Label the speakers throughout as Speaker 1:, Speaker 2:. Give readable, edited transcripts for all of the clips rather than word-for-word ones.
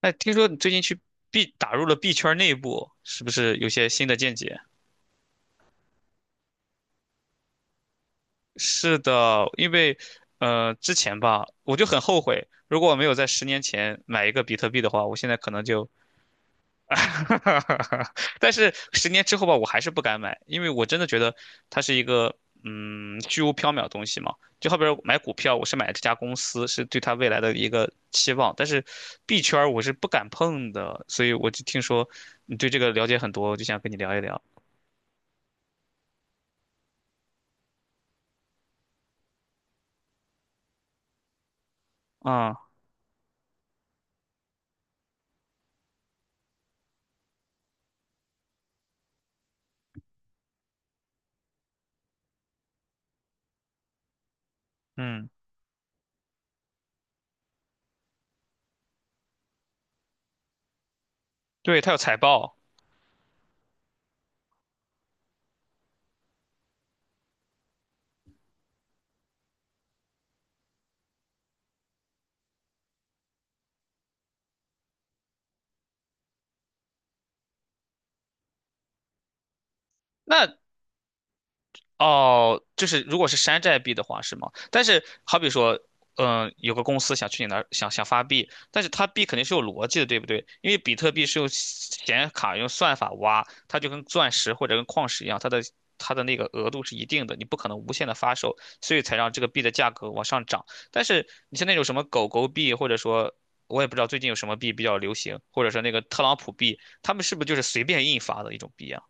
Speaker 1: 哎，听说你最近去 B 打入了 B 圈内部，是不是有些新的见解？是的，因为之前吧，我就很后悔，如果我没有在十年前买一个比特币的话，我现在可能就，但是10年之后吧，我还是不敢买，因为我真的觉得它是一个虚无缥缈的东西嘛。就好比说买股票，我是买这家公司，是对它未来的一个期望，但是币圈儿我是不敢碰的，所以我就听说你对这个了解很多，我就想跟你聊一聊。啊，嗯，对，他有财报。那哦，就是如果是山寨币的话是吗？但是好比说，有个公司想去你那儿想发币，但是它币肯定是有逻辑的，对不对？因为比特币是用显卡用算法挖，它就跟钻石或者跟矿石一样，它的那个额度是一定的，你不可能无限的发售，所以才让这个币的价格往上涨。但是你像那种什么狗狗币，或者说我也不知道最近有什么币比较流行，或者说那个特朗普币，他们是不是就是随便印发的一种币啊？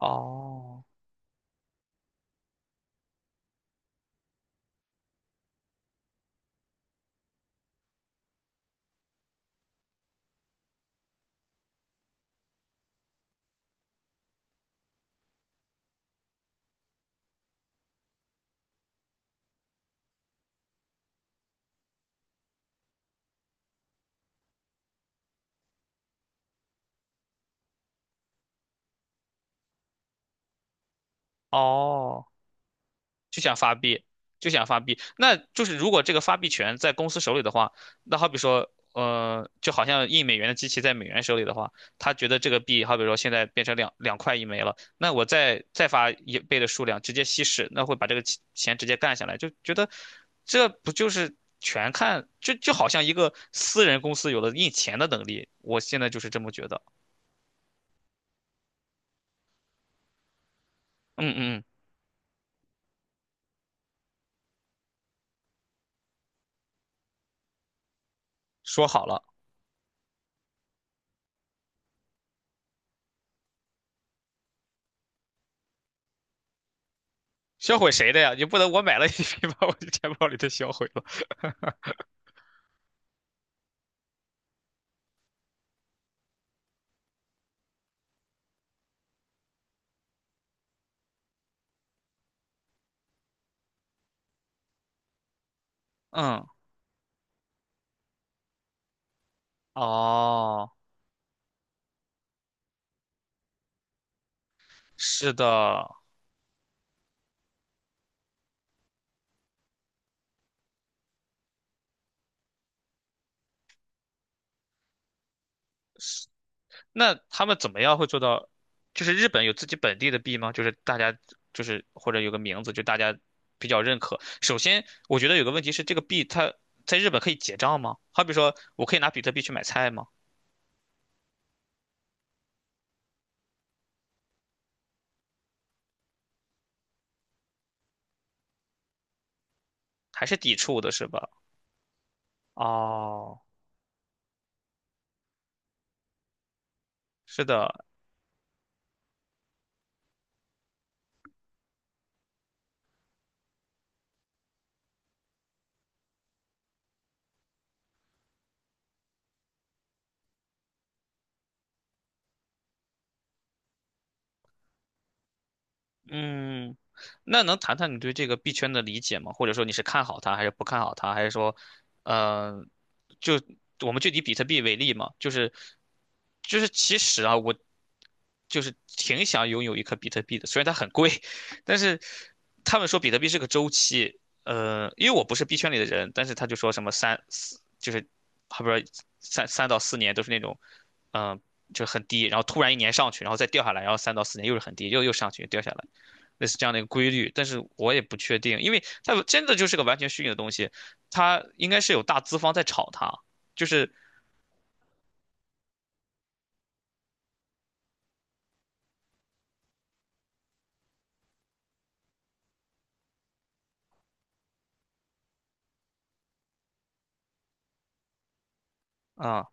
Speaker 1: 哦哦。就想发币，就想发币。那就是如果这个发币权在公司手里的话，那好比说，就好像印美元的机器在美元手里的话，他觉得这个币，好比说现在变成两块一枚了，那我再发一倍的数量，直接稀释，那会把这个钱直接干下来，就觉得这不就是全看，就好像一个私人公司有了印钱的能力，我现在就是这么觉得。嗯嗯嗯，说好了。销毁谁的呀？你不能我买了一批，把我的钱包里的销毁了。嗯，哦，是的，那他们怎么样会做到？就是日本有自己本地的币吗？就是大家就是或者有个名字，就大家比较认可。首先，我觉得有个问题是，这个币它在日本可以结账吗？好比说，我可以拿比特币去买菜吗？还是抵触的，是吧？哦，是的，嗯，那能谈谈你对这个币圈的理解吗？或者说你是看好它，还是不看好它，还是说，呃，就我们就以比特币为例嘛，就是其实啊，我就是挺想拥有一颗比特币的，虽然它很贵，但是他们说比特币是个周期，因为我不是币圈里的人，但是他就说什么三四，就是还不是三到四年都是那种，嗯、就很低，然后突然一年上去，然后再掉下来，然后三到四年又是很低，又上去，又掉下来。类似这样的一个规律，但是我也不确定，因为它真的就是个完全虚拟的东西，它应该是有大资方在炒它，就是啊，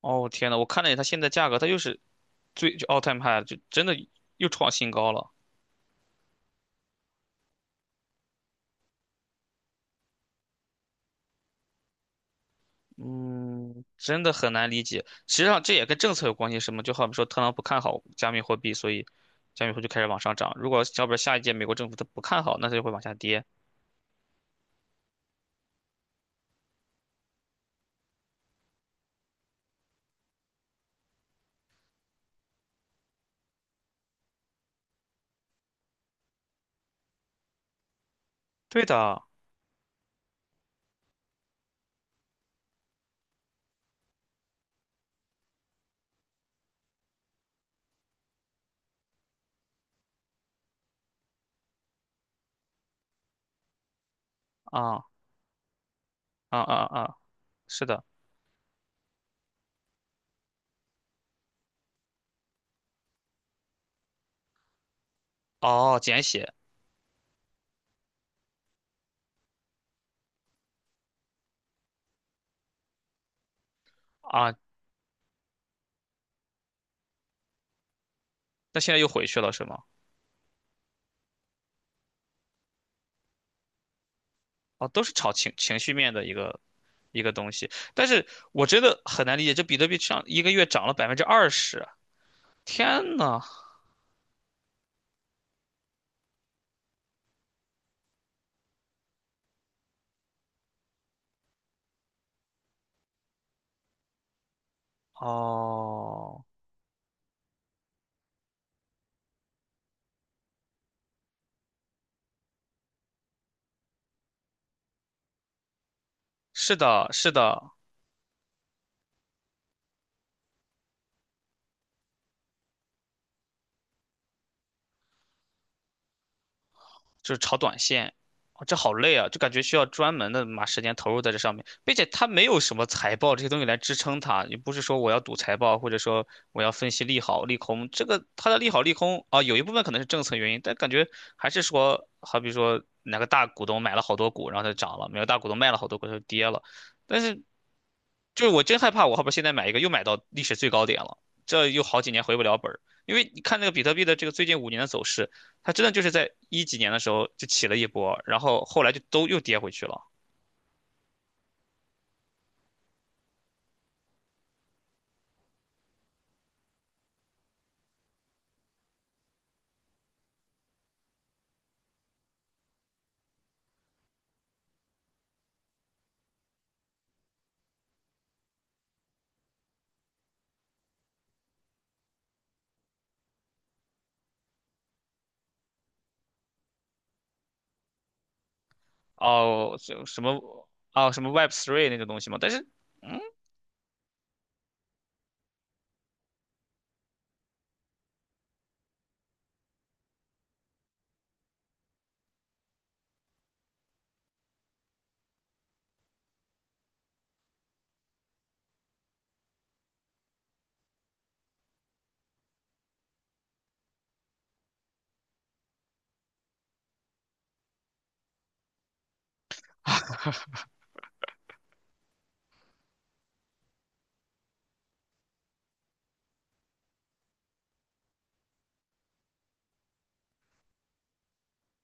Speaker 1: 哦天呐，我看了一眼它现在价格，它又是最就 all time high，就真的又创新高了，嗯，真的很难理解。实际上这也跟政策有关系，什么就好比说特朗普看好加密货币，所以加密货币就开始往上涨。如果要不然下一届美国政府他不看好，那它就会往下跌。对的，啊啊啊啊，是的，哦，简写。啊，但现在又回去了，是吗？哦，都是炒情绪面的一个东西，但是我真的很难理解，这比特币上一个月涨了20%啊，天呐！哦，是的，是的，就是炒短线，哦这好累啊，就感觉需要专门的把时间投入在这上面，并且它没有什么财报这些东西来支撑它，也不是说我要赌财报，或者说我要分析利好利空，这个它的利好利空啊，有一部分可能是政策原因，但感觉还是说，好比说哪个大股东买了好多股，然后它就涨了，哪个大股东卖了好多股，它就跌了，但是。就是我真害怕，我后边现在买一个又买到历史最高点了，这又好几年回不了本儿。因为你看那个比特币的这个最近5年的走势，它真的就是在一几年的时候就起了一波，然后后来就都又跌回去了。哦，就什么哦什么 Web Three 那种东西嘛，但是嗯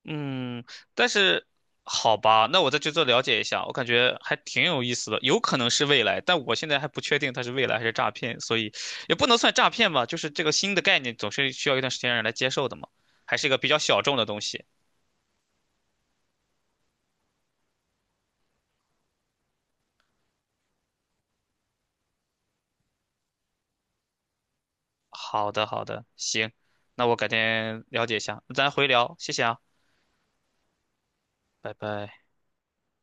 Speaker 1: 嗯，但是好吧，那我再去做了解一下，我感觉还挺有意思的，有可能是未来，但我现在还不确定它是未来还是诈骗，所以也不能算诈骗吧，就是这个新的概念总是需要一段时间让人来接受的嘛，还是一个比较小众的东西。好的好的，行，那我改天了解一下，咱回聊，谢谢啊，拜拜。